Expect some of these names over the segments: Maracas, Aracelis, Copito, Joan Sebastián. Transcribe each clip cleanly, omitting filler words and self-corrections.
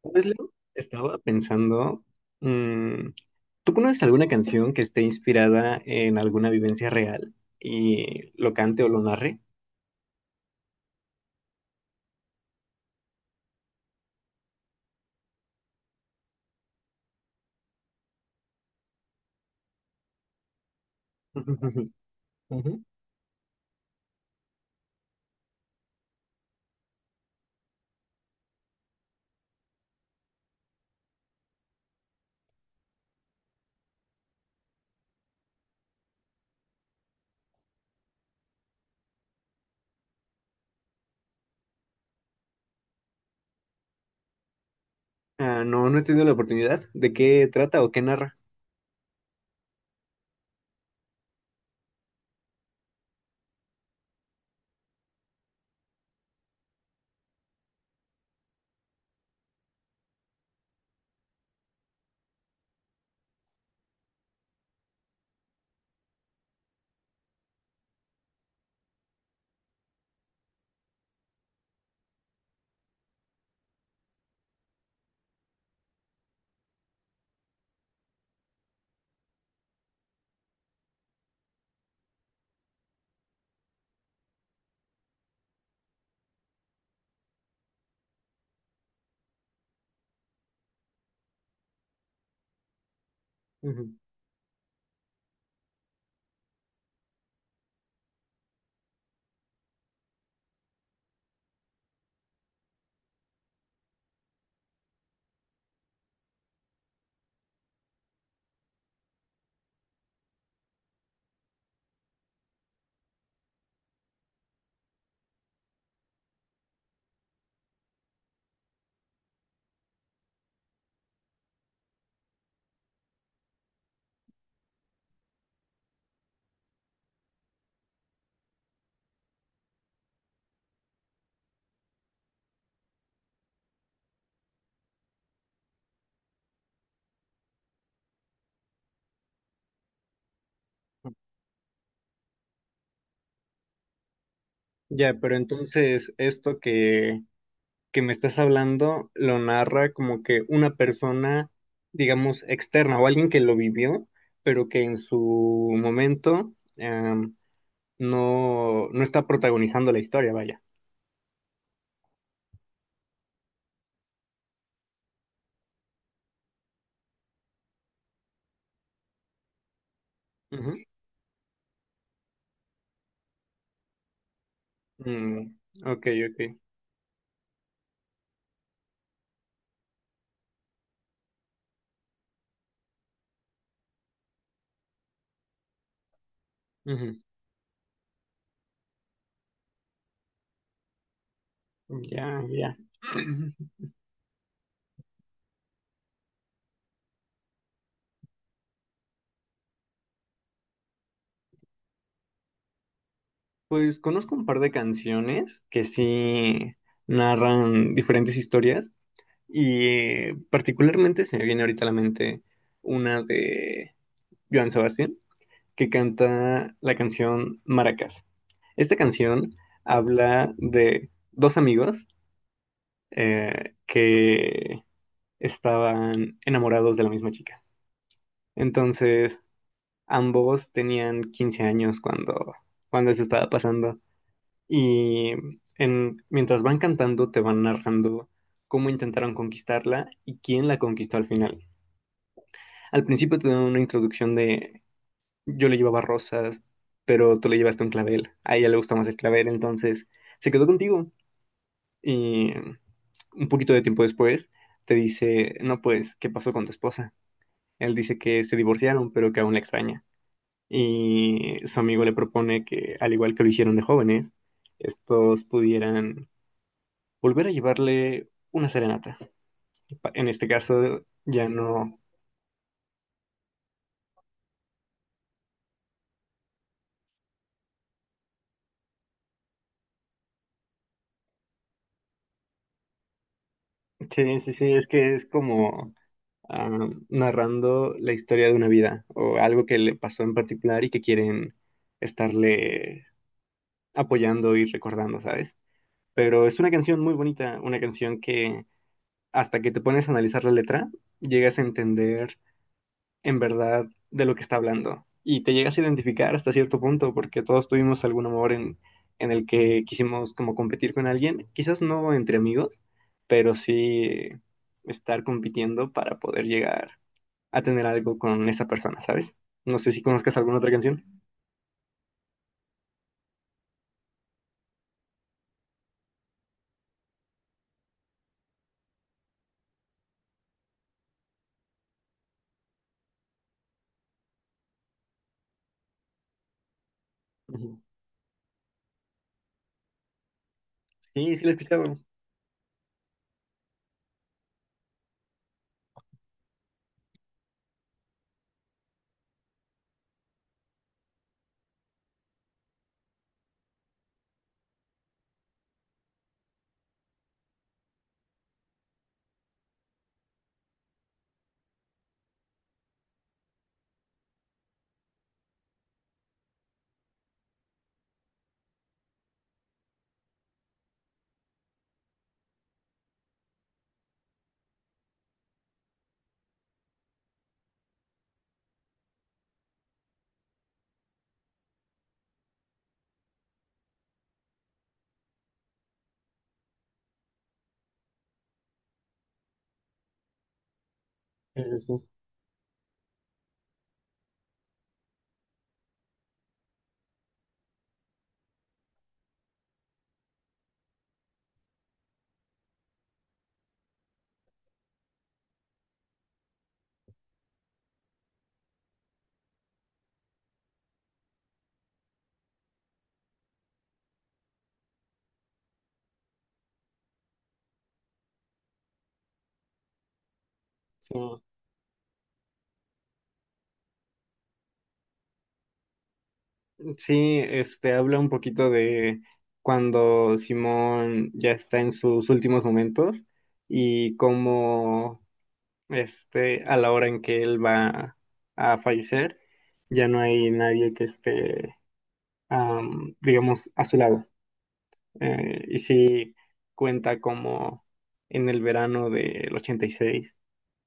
Pues, Leo, estaba pensando, mm, ¿tú conoces alguna canción que esté inspirada en alguna vivencia real y lo cante o lo narre? Ujú. Ah, no, no he tenido la oportunidad. ¿De qué trata o qué narra? Ujú. Ya, pero entonces esto que me estás hablando lo narra como que una persona, digamos, externa o alguien que lo vivió, pero que en su momento, no está protagonizando la historia, vaya. Ujú. Mm, ok, ok. Ujú. Ya, ya. Pues conozco un par de canciones que sí narran diferentes historias y particularmente se me viene ahorita a la mente una de Joan Sebastián que canta la canción Maracas. Esta canción habla de dos amigos que estaban enamorados de la misma chica. Entonces, ambos tenían 15 años cuando eso estaba pasando. Y en, mientras van cantando, te van narrando cómo intentaron conquistarla y quién la conquistó al final. Al principio te dan una introducción de yo le llevaba rosas, pero tú le llevaste un clavel. A ella le gusta más el clavel, entonces se quedó contigo. Y un poquito de tiempo después te dice, no, pues, ¿qué pasó con tu esposa? Él dice que se divorciaron, pero que aún la extraña, y su amigo le propone que, al igual que lo hicieron de jóvenes, estos pudieran volver a llevarle una serenata. En este caso, ya no. Sí, sí, sí, es que es como narrando la historia de una vida o algo que le pasó en particular y que quieren estarle apoyando y recordando, ¿sabes? Pero es una canción muy bonita, una canción que hasta que te pones a analizar la letra, llegas a entender en verdad de lo que está hablando. Y te llegas a identificar hasta cierto punto, porque todos tuvimos algún amor en el que quisimos como competir con alguien, quizás no entre amigos, pero sí estar compitiendo para poder llegar a tener algo con esa persona, ¿sabes? No sé si conozcas alguna otra canción. Ujú. Sí, sí la he escuchado. Sí, sí, sí. Sí. Sí, este habla un poquito de cuando Simón ya está en sus últimos momentos y cómo este, a la hora en que él va a fallecer, ya no hay nadie que esté, digamos, a su lado. Y sí cuenta como en el verano del 86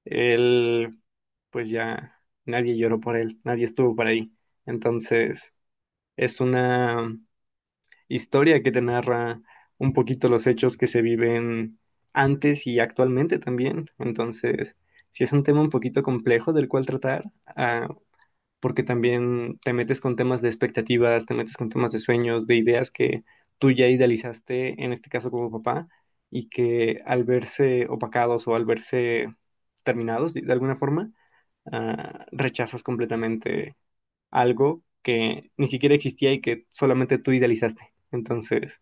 él, pues ya nadie lloró por él, nadie estuvo por ahí. Entonces, es una historia que te narra un poquito los hechos que se viven antes y actualmente también. Entonces, sí es un tema un poquito complejo del cual tratar, porque también te metes con temas de expectativas, te metes con temas de sueños, de ideas que tú ya idealizaste, en este caso como papá, y que al verse opacados o al verse terminados de alguna forma, rechazas completamente algo que ni siquiera existía y que solamente tú idealizaste. Entonces,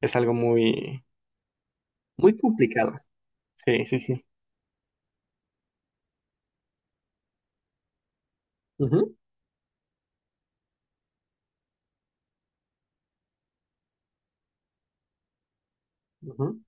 es algo muy, muy complicado. Sí, sí, sí. Ujú, ujú.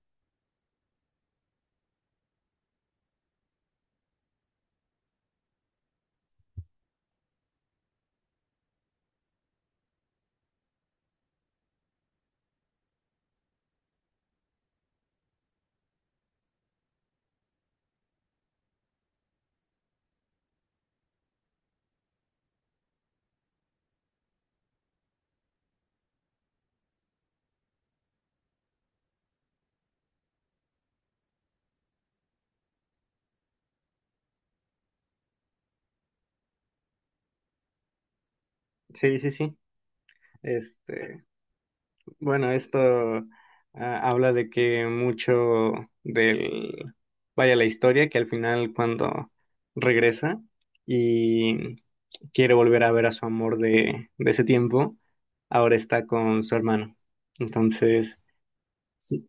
Sí, sí, sí. Este, bueno, esto habla de que mucho del, vaya la historia, que al final cuando regresa y quiere volver a ver a su amor de ese tiempo, ahora está con su hermano. Entonces, sí,